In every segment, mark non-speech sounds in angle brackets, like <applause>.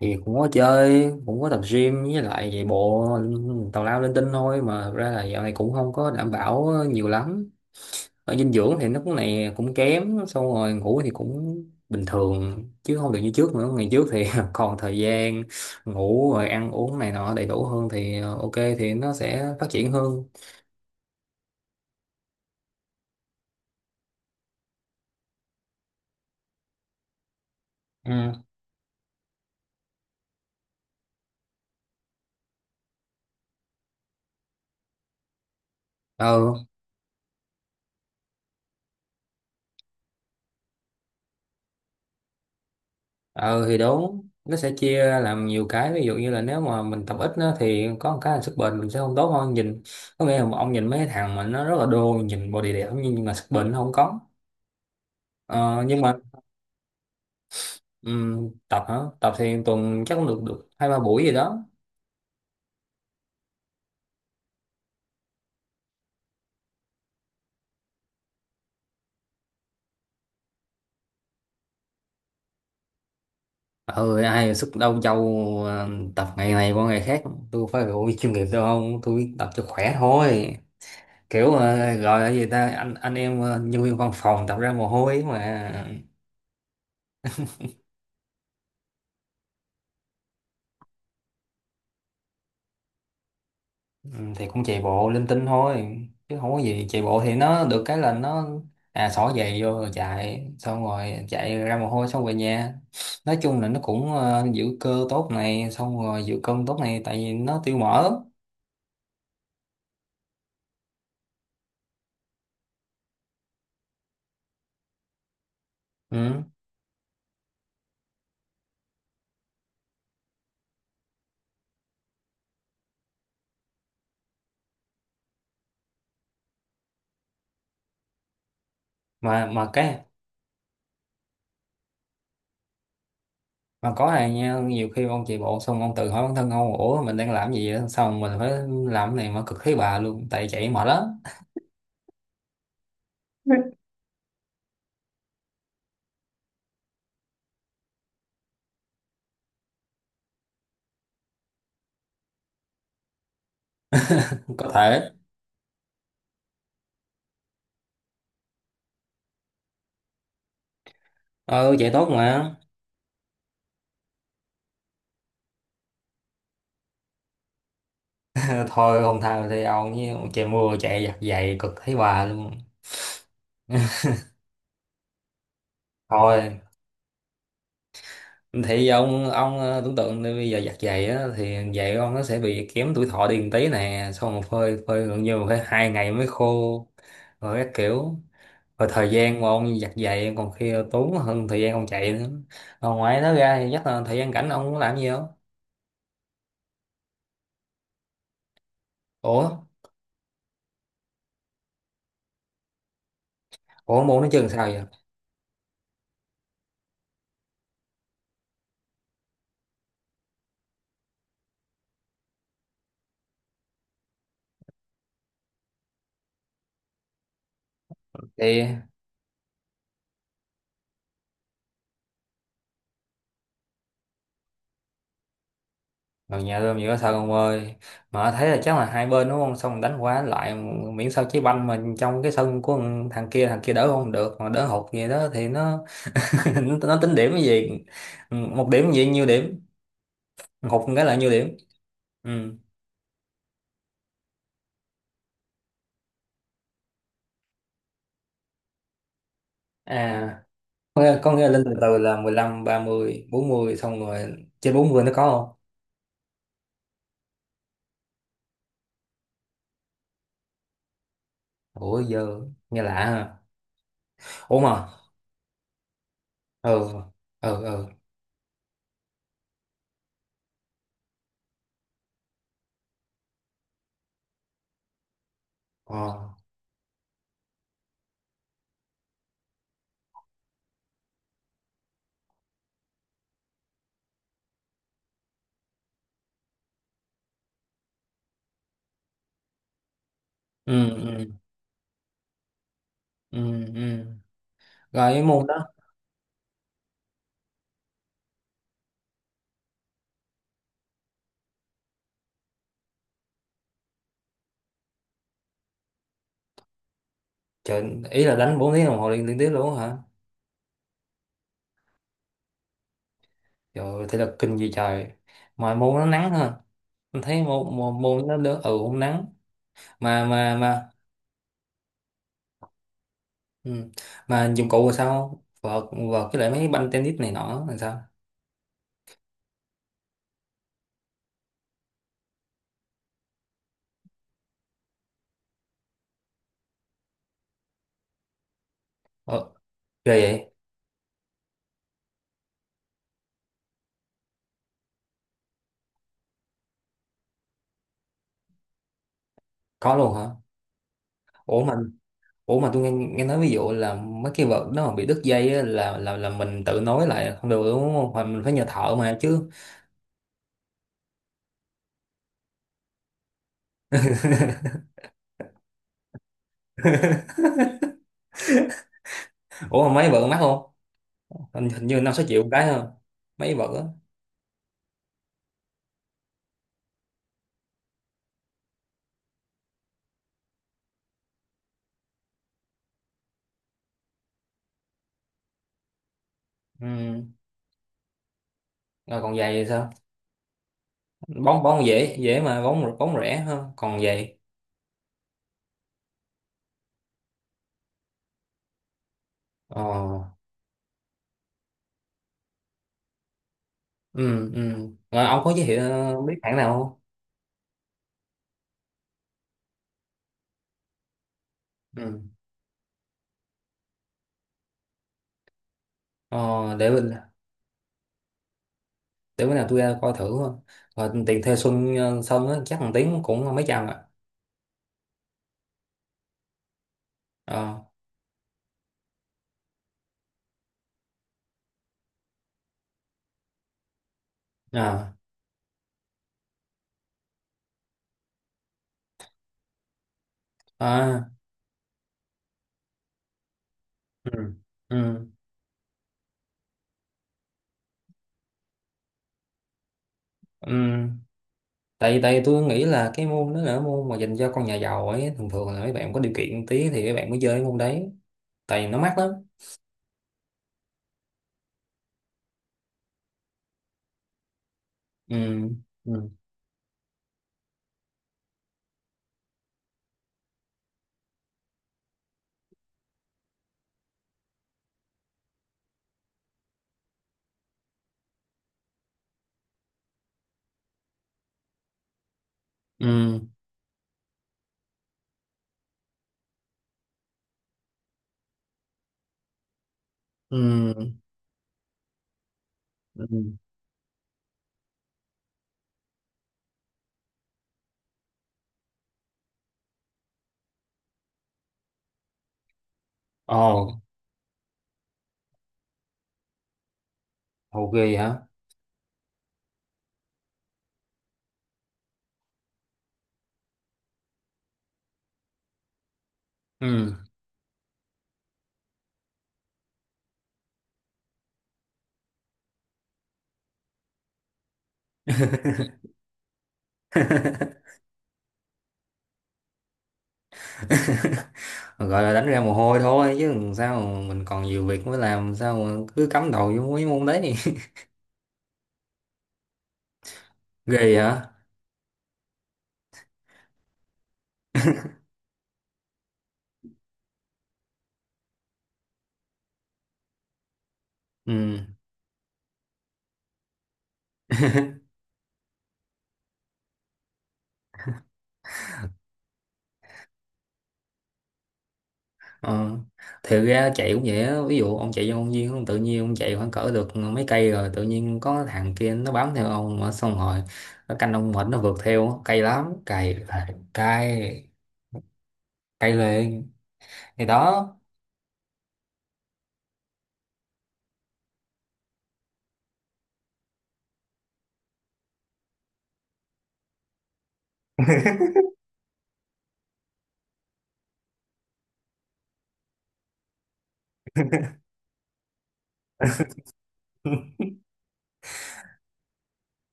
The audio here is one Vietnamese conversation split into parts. Thì cũng có chơi, cũng có tập gym với lại chạy bộ tào lao linh tinh thôi, mà thật ra là dạo này cũng không có đảm bảo nhiều lắm ở dinh dưỡng thì nó cũng này cũng kém, xong rồi ngủ thì cũng bình thường chứ không được như trước nữa. Ngày trước thì <laughs> còn thời gian ngủ rồi ăn uống này nọ đầy đủ hơn thì ok thì nó sẽ phát triển hơn. Ừ. Ừ. ờ thì đúng, nó sẽ chia ra làm nhiều cái, ví dụ như là nếu mà mình tập ít á, thì có một cái là sức bền mình sẽ không tốt hơn. Nhìn có nghĩa là ông nhìn mấy cái thằng mà nó rất là đô, nhìn body đẹp nhưng mà sức bền nó không có. Ờ, nhưng mà tập hả? Tập thì tuần chắc cũng được được 2-3 buổi gì đó. Ừ, ai sức đâu châu. Ờ, tập ngày này qua ngày khác, tôi phải ủi chuyên nghiệp đâu, không tôi tập cho khỏe thôi. Kiểu gọi là gì ta, anh em, nhân viên văn phòng tập ra mồ hôi mà. Ừ, thì cũng chạy bộ linh tinh thôi chứ không có gì. Chạy bộ thì nó được cái là nó, à, xỏ giày vô rồi chạy, xong rồi chạy ra mồ hôi xong về nhà. Nói chung là nó cũng giữ cơ tốt này, xong rồi giữ cân tốt này, tại vì nó tiêu mỡ. Ừ. mà cái mà có này nha, nhiều khi ông chạy bộ xong ông tự hỏi bản thân ông, ủa mình đang làm gì đó, xong mình phải làm cái này mà cực thấy bà luôn tại chạy mệt lắm. Có thể. Ờ chạy tốt mà. <laughs> Thôi không thao thì ông với chạy mưa, chạy giặt giày cực thấy bà luôn. Thôi thì ông tưởng tượng đi, bây giờ giặt giày á thì giày ông nó sẽ bị kém tuổi thọ đi một tí nè, xong một phơi phơi gần như phải 2 ngày mới khô, rồi các kiểu, rồi thời gian mà ông giặt giày còn khi tốn hơn thời gian ông chạy nữa. Rồi ngoài đó ra thì chắc là thời gian rảnh ông có làm gì không? Ủa ủa muốn nó chừng sao vậy? Thì rồi nhà tôi nhiều sao ông ơi, mà thấy là chắc là hai bên đúng không, xong đánh quá lại, miễn sao trái banh mà trong cái sân của thằng kia, thằng kia đỡ không được mà đỡ hụt gì đó thì nó tính điểm cái gì, một điểm gì nhiêu điểm, hụt một cái là nhiêu điểm. Ừ. À, có nghĩa lên từ từ là 15 30 40, xong rồi trên 40 nó có không? Ủa giờ nghe lạ ha. Ủa mà, ừ, ừ, ừ. Ờ. Ừ, ừ, ừ, ừ, rồi cái môn đó. Trời, ý là đánh 4 tiếng đồng hồ liên tiếp luôn hả? Trời ơi, thể lực kinh gì trời. Mà môn nó nắng ha. Mình thấy môn môn, môn nó đỡ, ừ cũng nắng. Mà Ừ. Mà dụng cụ là sao? Vợt cái lại mấy banh tennis này nọ là sao? Ờ, ghê vậy? Có luôn hả? Ủa mà ủa mà tôi nghe nói ví dụ là mấy cái vợt nó mà bị đứt dây á, là mình tự nối lại không được đúng không? Hoặc mình phải nhờ thợ mà chứ. <laughs> Ủa mà mấy vợt mắc không? Hình như 5-6 triệu một cái không? Mấy vợt á. Ừ. Rồi còn giày thì sao? Bóng bóng dễ dễ mà, bóng bóng rẻ hơn. Còn giày. Ờ. Ừ, ừ. Rồi ông có giới thiệu biết hãng nào không? Ừ. Ờ, để bữa nào tôi ra coi thử thôi, và tiền thuê Xuân xong á chắc thằng Tiến cũng mấy trăm ạ. Ờ. À, à. Ừ, ừ, ừ. tại tại tôi nghĩ là cái môn đó là môn mà dành cho con nhà giàu ấy, thường thường là mấy bạn có điều kiện tí thì mấy bạn mới chơi cái môn đấy, tại vì nó mắc lắm. Ừ, ừ, ừ, ừ, ừ. Ồ. Hậu ghê hả? Ừ. <laughs> Gọi là đánh ra mồ hôi thôi chứ sao, mình còn nhiều việc mới, làm sao mà cứ cắm đầu vô mấy môn đấy. Ghê hả? Ừ. <laughs> Ờ. Thiệt ra chạy cũng vậy á, ví dụ ông chạy vô công viên, ông tự nhiên ông chạy khoảng cỡ được mấy cây rồi tự nhiên có thằng kia nó bám theo ông mà, xong rồi nó canh ông mệt nó vượt theo á. Cay lắm, cay là cay, cay lên, thì đó.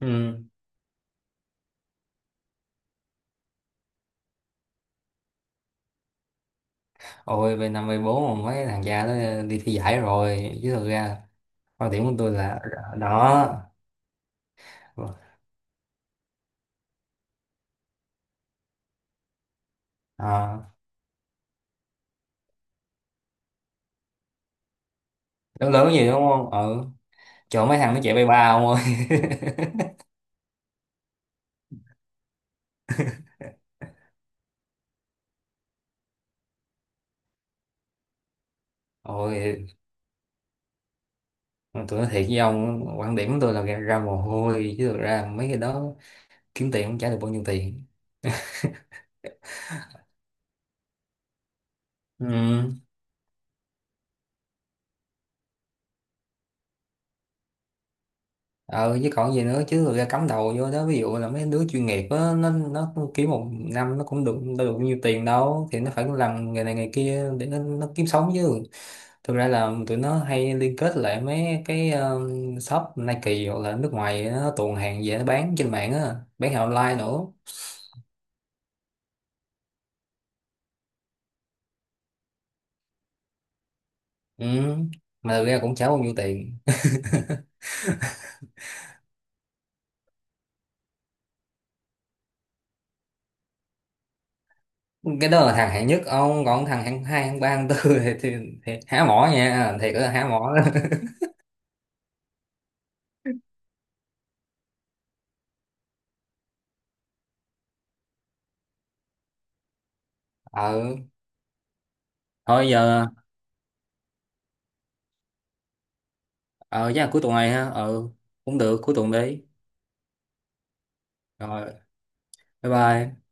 Ừ. Ôi về năm về bốn mà mấy thằng cha nó đi thi giải rồi chứ, thực ra quan điểm của tôi là, đó, à, lớn lớn gì đúng không, ừ chỗ mấy thằng nó chạy bay ba ông ơi. <laughs> Ôi. Mà tôi nói thiệt với ông quan điểm của tôi là ra mồ hôi chứ thực ra mấy cái đó kiếm tiền cũng trả được bao nhiêu tiền. Ừ. Ờ với còn gì nữa chứ, thực ra cắm đầu vô đó, ví dụ là mấy đứa chuyên nghiệp á, nó kiếm một năm nó cũng được đâu được bao nhiêu tiền đâu, thì nó phải làm nghề này nghề kia để nó kiếm sống chứ. Thực ra là tụi nó hay liên kết lại mấy cái shop Nike hoặc là nước ngoài nó tuồn hàng về nó bán trên mạng á, bán hàng online nữa. Ừ. Mà thực ra cũng trả bao nhiêu tiền. Cái đó là thằng hạng nhất ông, còn thằng hạng hai hạng ba hạng tư <laughs> thì, thì, thì há mỏ nha, thiệt là há mỏ. <laughs> Ờ thôi giờ. Ờ chắc là cuối tuần này ha. Ờ cũng được, cuối tuần đi. Rồi bye bye.